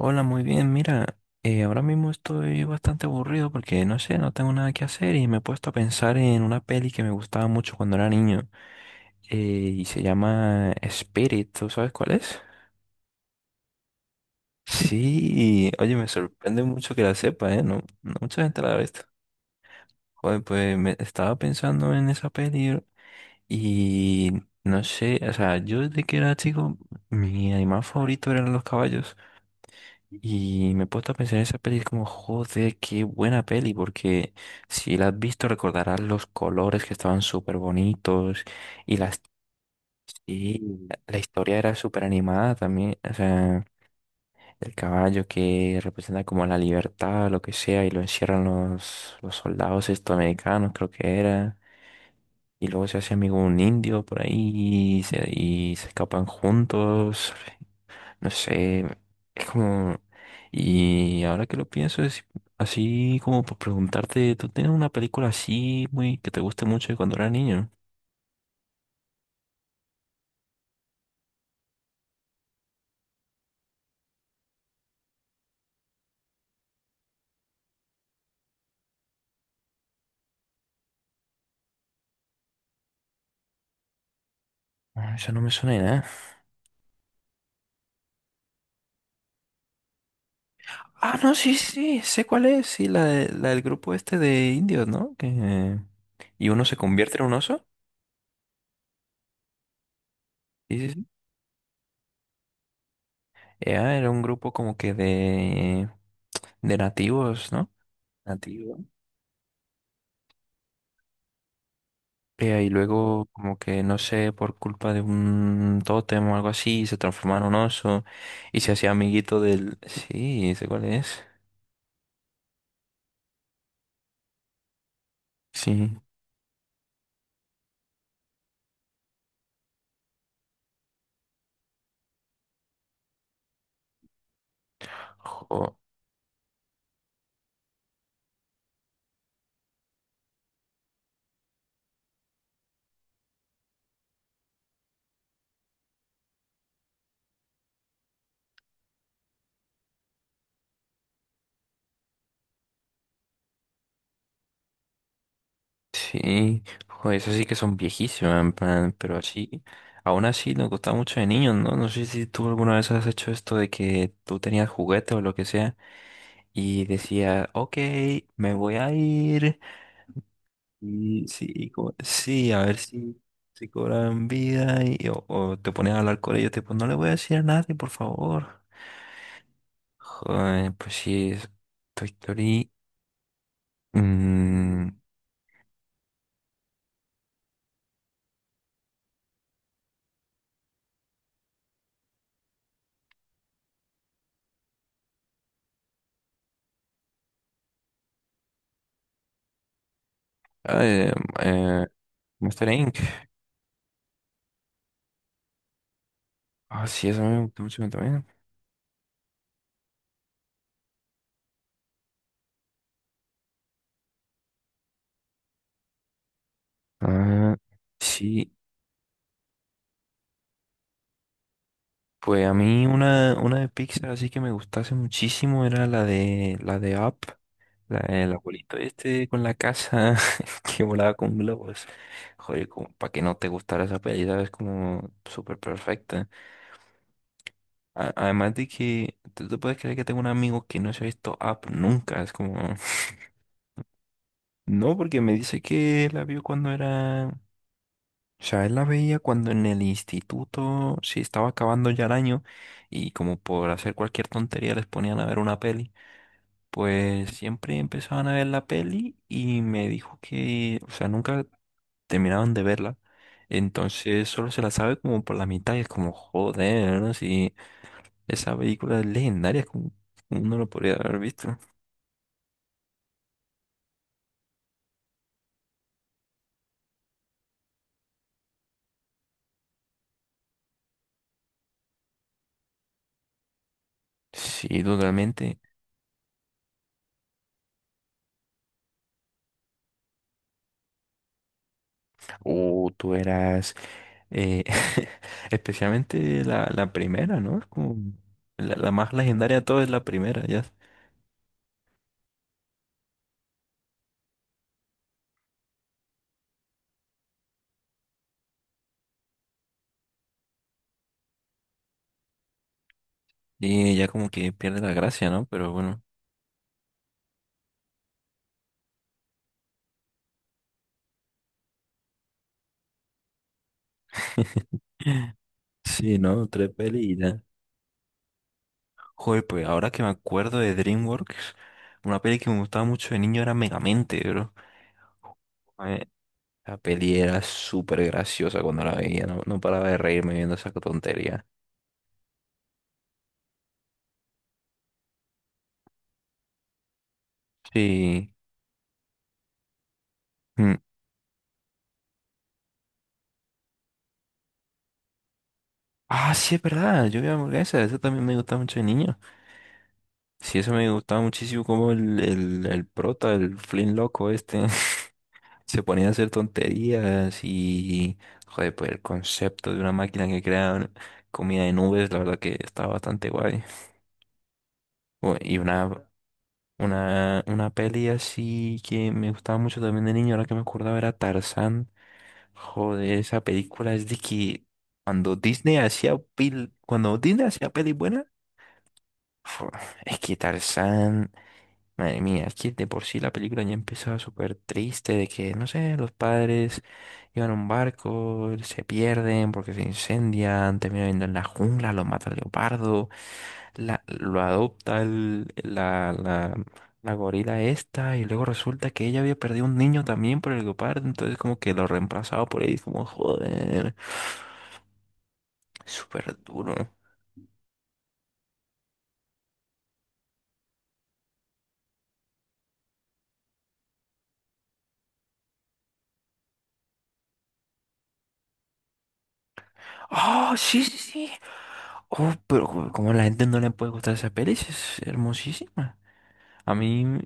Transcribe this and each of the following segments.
Hola, muy bien. Mira, ahora mismo estoy bastante aburrido porque no sé, no tengo nada que hacer y me he puesto a pensar en una peli que me gustaba mucho cuando era niño y se llama Spirit. ¿Tú sabes cuál es? Sí, y, oye, me sorprende mucho que la sepa, ¿eh? No, no mucha gente la ve esta. Joder, pues me estaba pensando en esa peli y no sé, o sea, yo desde que era chico, mi animal favorito eran los caballos. Y me he puesto a pensar en esa peli como, joder, qué buena peli, porque si la has visto recordarás los colores que estaban súper bonitos y las y la historia era súper animada también, o sea, el caballo que representa como la libertad, lo que sea, y lo encierran los soldados estadounidenses, creo que era, y luego se hace amigo un indio por ahí y y se escapan juntos, no sé, es como... Y ahora que lo pienso, es así como por preguntarte, ¿tú tienes una película así muy que te guste mucho de cuando eras niño? Ah, eso no me suena de nada. Ah, no, sí, sí, sé cuál es. Sí, la del grupo este de indios, ¿no? Que... Y uno se convierte en un oso. Sí, sí, sí. Era un grupo como que de nativos, ¿no? Nativos. Y luego, como que no sé, por culpa de un tótem o algo así, se transformaron en un oso y se hacía amiguito del. Sí, ¿sé cuál es? Sí. Jo, sí. Jo, esas sí que son viejísimas, en plan, pero así. Aún así, nos gustaba mucho de niños, ¿no? No sé si tú alguna vez has hecho esto de que tú tenías juguete o lo que sea y decía, ok, me voy a ir. Y sí, a ver si cobran vida y, o te pones a hablar con ellos, tipo, no le voy a decir a nadie, por favor. Joder, pues sí, es Toy Story. mm, ah, eh, eh, Monster Inc. Ah, sí, eso me gustó mucho también. Ah, sí, pues a mí una de Pixar así que me gustase muchísimo era la de Up. El abuelito este con la casa que volaba con globos. Joder, como para que no te gustara esa peli, ¿sabes? Como súper perfecta. Además de que tú te puedes creer que tengo un amigo que no se ha visto Up nunca. Es como... No, porque me dice que la vio cuando era... O sea, él la veía cuando en el instituto se estaba acabando ya el año y como por hacer cualquier tontería les ponían a ver una peli. Pues siempre empezaban a ver la peli y me dijo que, o sea, nunca terminaban de verla. Entonces solo se la sabe como por la mitad y es como, joder, ¿no? Si esa película es legendaria, como uno lo podría haber visto. Sí, totalmente. O tú eras, eh, especialmente la primera, ¿no? Es como la más legendaria de todas es la primera, ya. Y ya como que pierde la gracia, ¿no? Pero bueno. Sí, ¿no? Tres pelis. Joder, pues ahora que me acuerdo de DreamWorks, una peli que me gustaba mucho de niño era Megamente, bro. Joder, la peli era súper graciosa cuando la veía, no, no paraba de reírme viendo esa tontería. Sí. Mm. Ah, sí, es verdad, yo vi hamburguesa, eso también me gustaba mucho de niño. Sí, eso me gustaba muchísimo como el prota, el Flynn loco este, se ponía a hacer tonterías y, joder, pues el concepto de una máquina que crea comida de nubes, la verdad que estaba bastante guay. Y una peli así que me gustaba mucho también de niño, ahora que me acordaba era Tarzán. Joder, esa película es de que cuando Disney hacía peli buena, jo, es que Tarzán, madre mía, es que de por sí la película ya empezaba súper triste de que, no sé, los padres iban a un barco, se pierden porque se incendian, terminan viendo en la jungla, los mata el leopardo, lo adopta la gorila esta y luego resulta que ella había perdido un niño también por el guepardo, entonces como que lo reemplazaba por él, como joder, súper duro. ¡Ah, sí, sí, sí! Oh, pero como a la gente no le puede gustar esa peli, sí es hermosísima. A mí,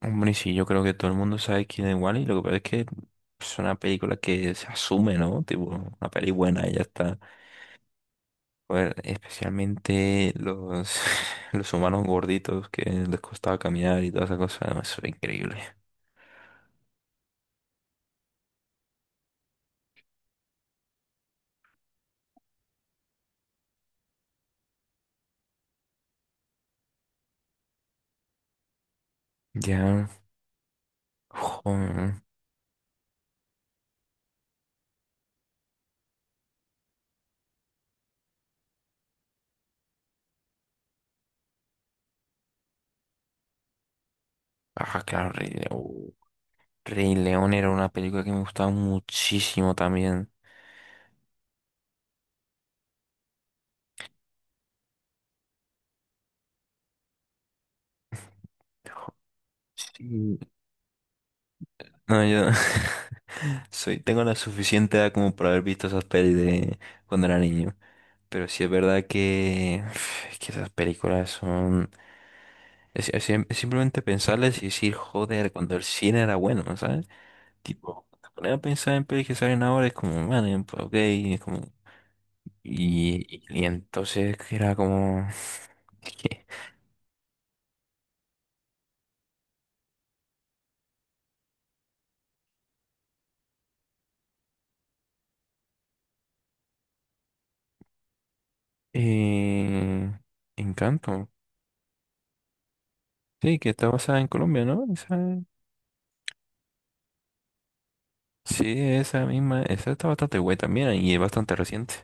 hombre, sí, yo creo que todo el mundo sabe quién es Wally, lo que pasa es que es una película que se asume, ¿no? Tipo, una peli buena y ya está. Bueno, especialmente los, los humanos gorditos que les costaba caminar y toda esa cosa, no, eso era increíble. Ya, joder. Ah, claro, Rey León. Rey León era una película que me gustaba muchísimo también. Sí. No, yo soy, tengo la suficiente edad como para haber visto esas pelis de cuando era niño. Pero sí es verdad que, que esas películas son... es simplemente pensarles y decir, joder, cuando el cine era bueno, ¿sabes? Tipo, te pones a pensar en pelis que salen ahora, es como, man, pues ok, es como... Y entonces era como... ¿qué? Eh, Encanto. Sí, que está basada en Colombia, ¿no? Sí, esa misma, esa está bastante guay también y es bastante reciente.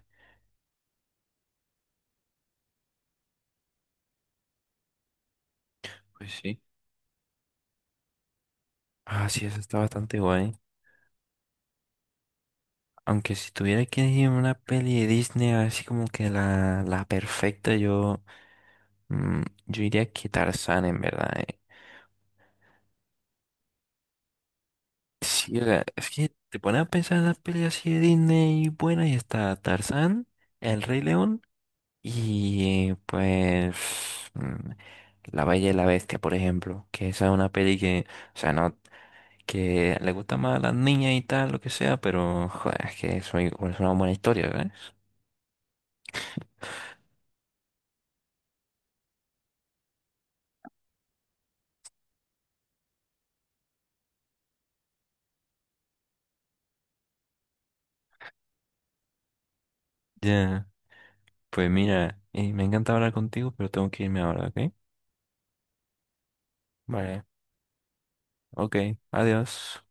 Pues sí. Ah, sí, esa está bastante guay. Aunque si tuviera que elegir una peli de Disney, así como que la perfecta, mm, yo diría que Tarzán, en verdad. Sí, o sea, es que te pones a pensar en las peleas así de Disney buenas y está Tarzán, El Rey León y La Bella y la Bestia, por ejemplo, que esa es una peli que, o sea, no, que le gusta más a las niñas y tal, lo que sea, pero joder, es que eso es una buena historia, ¿ves? Ya, pues mira, me encanta hablar contigo, pero tengo que irme ahora, ¿ok? Vale, ok, adiós.